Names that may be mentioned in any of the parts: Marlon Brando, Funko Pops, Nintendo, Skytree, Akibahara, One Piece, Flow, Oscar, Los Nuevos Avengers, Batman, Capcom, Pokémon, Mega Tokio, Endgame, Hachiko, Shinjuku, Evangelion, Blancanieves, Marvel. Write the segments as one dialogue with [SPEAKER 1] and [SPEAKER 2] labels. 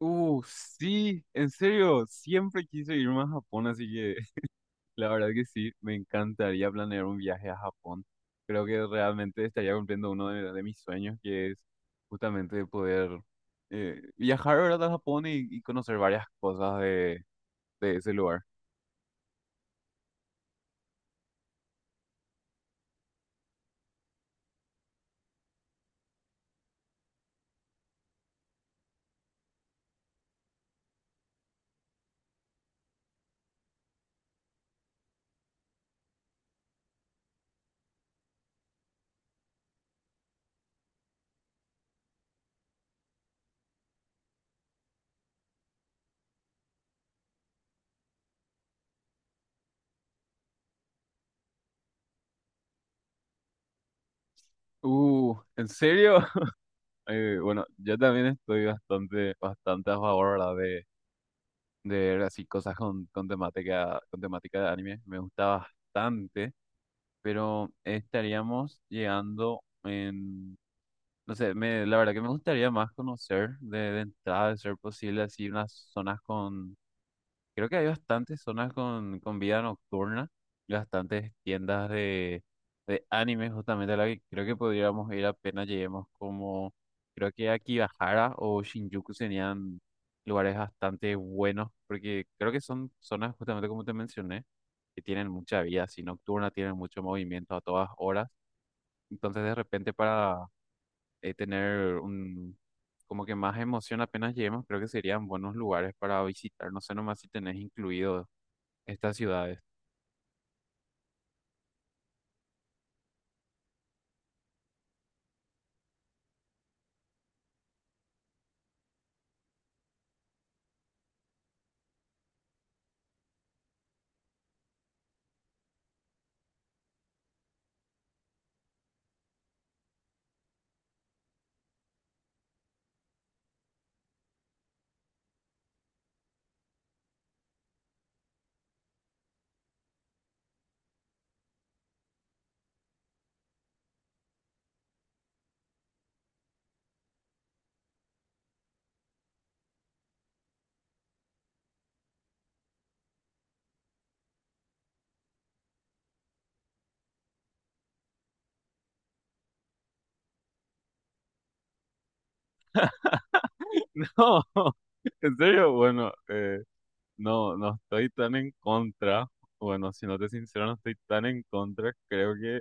[SPEAKER 1] Sí, en serio, siempre quise irme a Japón, así que la verdad que sí, me encantaría planear un viaje a Japón. Creo que realmente estaría cumpliendo uno de mis sueños, que es justamente poder viajar, ¿verdad? A Japón y conocer varias cosas de ese lugar. ¿En serio? Bueno, yo también estoy bastante a favor, ¿verdad? De ver así cosas con temática de anime. Me gusta bastante. Pero estaríamos llegando en, no sé, me, la verdad que me gustaría más conocer de entrada, de ser posible, así unas zonas con... Creo que hay bastantes zonas con vida nocturna, y bastantes tiendas de anime justamente a la que creo que podríamos ir apenas lleguemos, como, creo que Akibahara o Shinjuku serían lugares bastante buenos, porque creo que son zonas justamente, como te mencioné, que tienen mucha vida así nocturna, tienen mucho movimiento a todas horas, entonces de repente para tener un... como que más emoción apenas lleguemos, creo que serían buenos lugares para visitar. No sé nomás si tenés incluido estas ciudades. No, en serio, bueno, no, no estoy tan en contra. Bueno, si no te sincero, no estoy tan en contra. Creo que,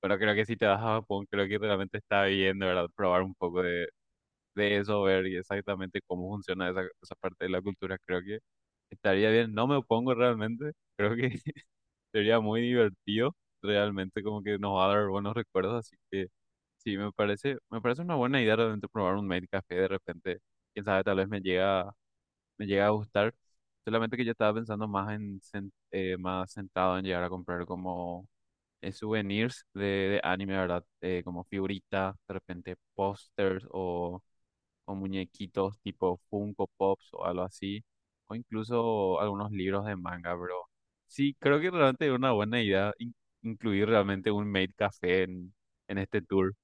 [SPEAKER 1] pero creo que si te vas a Japón, creo que realmente está bien, de verdad, probar un poco de eso, ver y exactamente cómo funciona esa, esa parte de la cultura. Creo que estaría bien. No me opongo realmente. Creo que sería muy divertido, realmente como que nos va a dar buenos recuerdos, así que sí, me parece una buena idea realmente probar un Made Café de repente, quién sabe, tal vez me llega a gustar, solamente que yo estaba pensando más en, más sentado en llegar a comprar como souvenirs de anime, ¿verdad? Como figuritas, de repente pósters o muñequitos tipo Funko Pops o algo así, o incluso algunos libros de manga, bro. Sí, creo que realmente es una buena idea incluir realmente un maid café en este tour.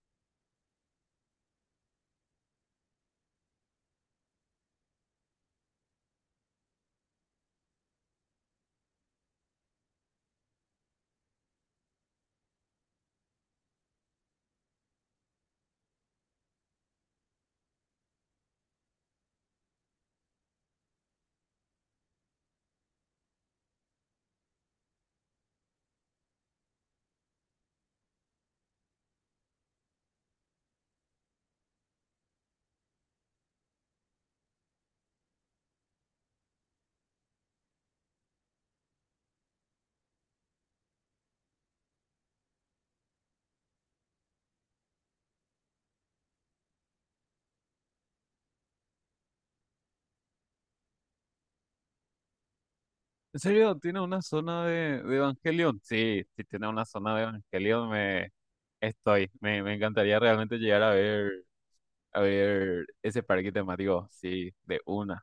[SPEAKER 1] ¿En serio? ¿Tiene una zona de Evangelion? Sí, si tiene una zona de Evangelion, me estoy. Me encantaría realmente llegar a ver ese parque temático. Sí, de una.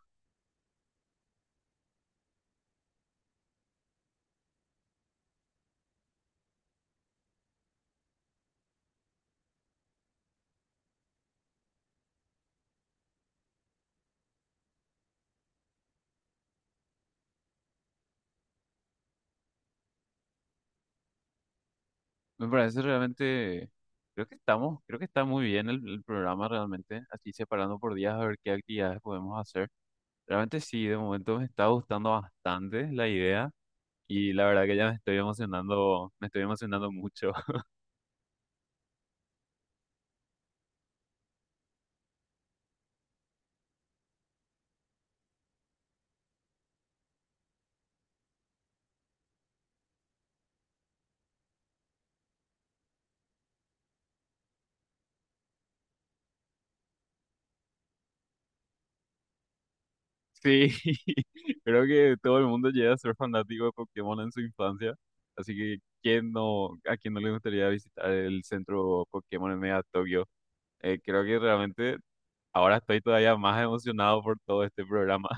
[SPEAKER 1] Me parece realmente, creo que estamos, creo que está muy bien el programa realmente, así separando por días a ver qué actividades podemos hacer. Realmente sí, de momento me está gustando bastante la idea y la verdad que ya me estoy emocionando mucho. Sí, creo que todo el mundo llega a ser fanático de Pokémon en su infancia, así que ¿quién no, a quién no le gustaría visitar el centro Pokémon en Mega Tokio? Creo que realmente ahora estoy todavía más emocionado por todo este programa.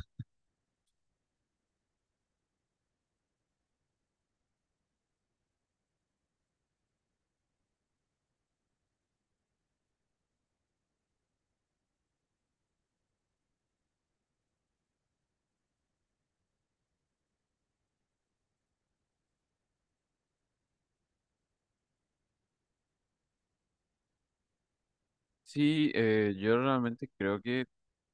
[SPEAKER 1] Sí, yo realmente creo que,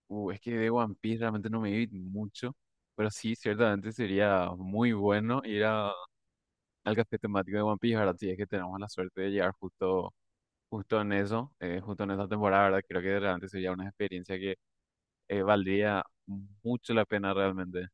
[SPEAKER 1] es que de One Piece realmente no me vi mucho, pero sí, ciertamente sería muy bueno al café temático de One Piece, ¿verdad? Si es que tenemos la suerte de llegar justo, justo en eso, justo en esa temporada, ¿verdad? Creo que realmente sería una experiencia que valdría mucho la pena realmente.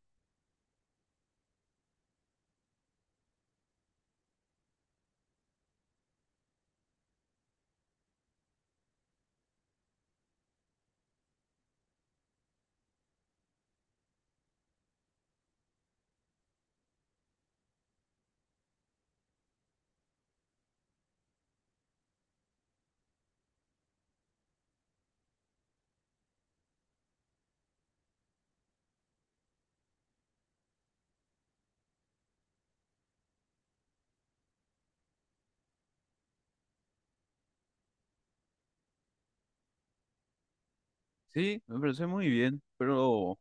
[SPEAKER 1] Sí, me parece muy bien, pero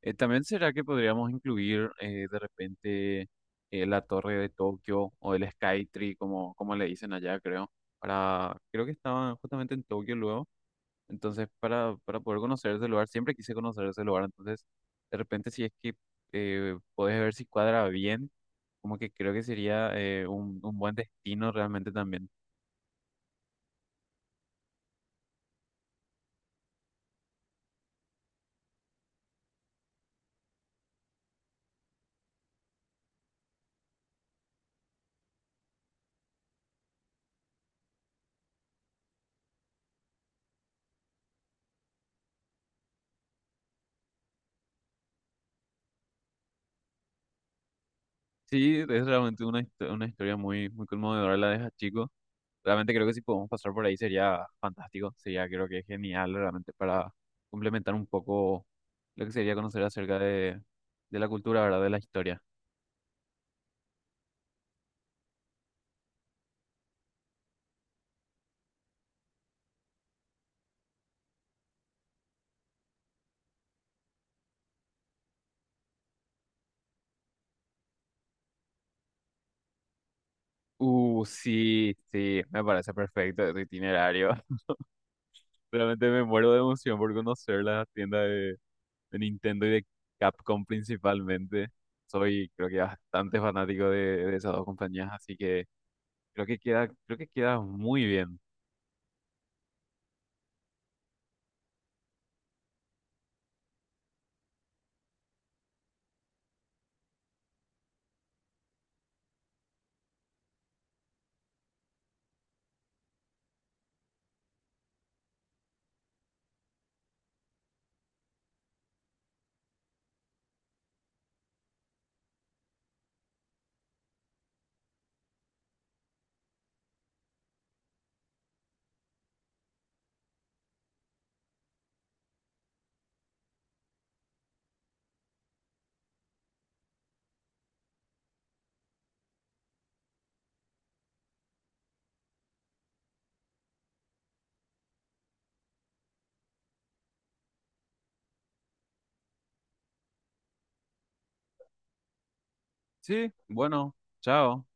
[SPEAKER 1] También será que podríamos incluir de repente la Torre de Tokio o el Skytree, como, como le dicen allá, creo. Para, creo que estaban justamente en Tokio luego. Entonces, para poder conocer ese lugar, siempre quise conocer ese lugar. Entonces, de repente, si es que podés ver si cuadra bien, como que creo que sería un buen destino realmente también. Sí, es realmente una, una historia muy, muy conmovedora la de Hachiko. Realmente creo que si podemos pasar por ahí sería fantástico, sería creo que genial realmente para complementar un poco lo que sería conocer acerca de la cultura, ¿verdad? De la historia. Sí, sí, me parece perfecto este itinerario. Realmente me muero de emoción por conocer la tienda de Nintendo y de Capcom principalmente. Soy creo que bastante fanático de esas dos compañías, así que creo que queda muy bien. Sí, bueno, chao.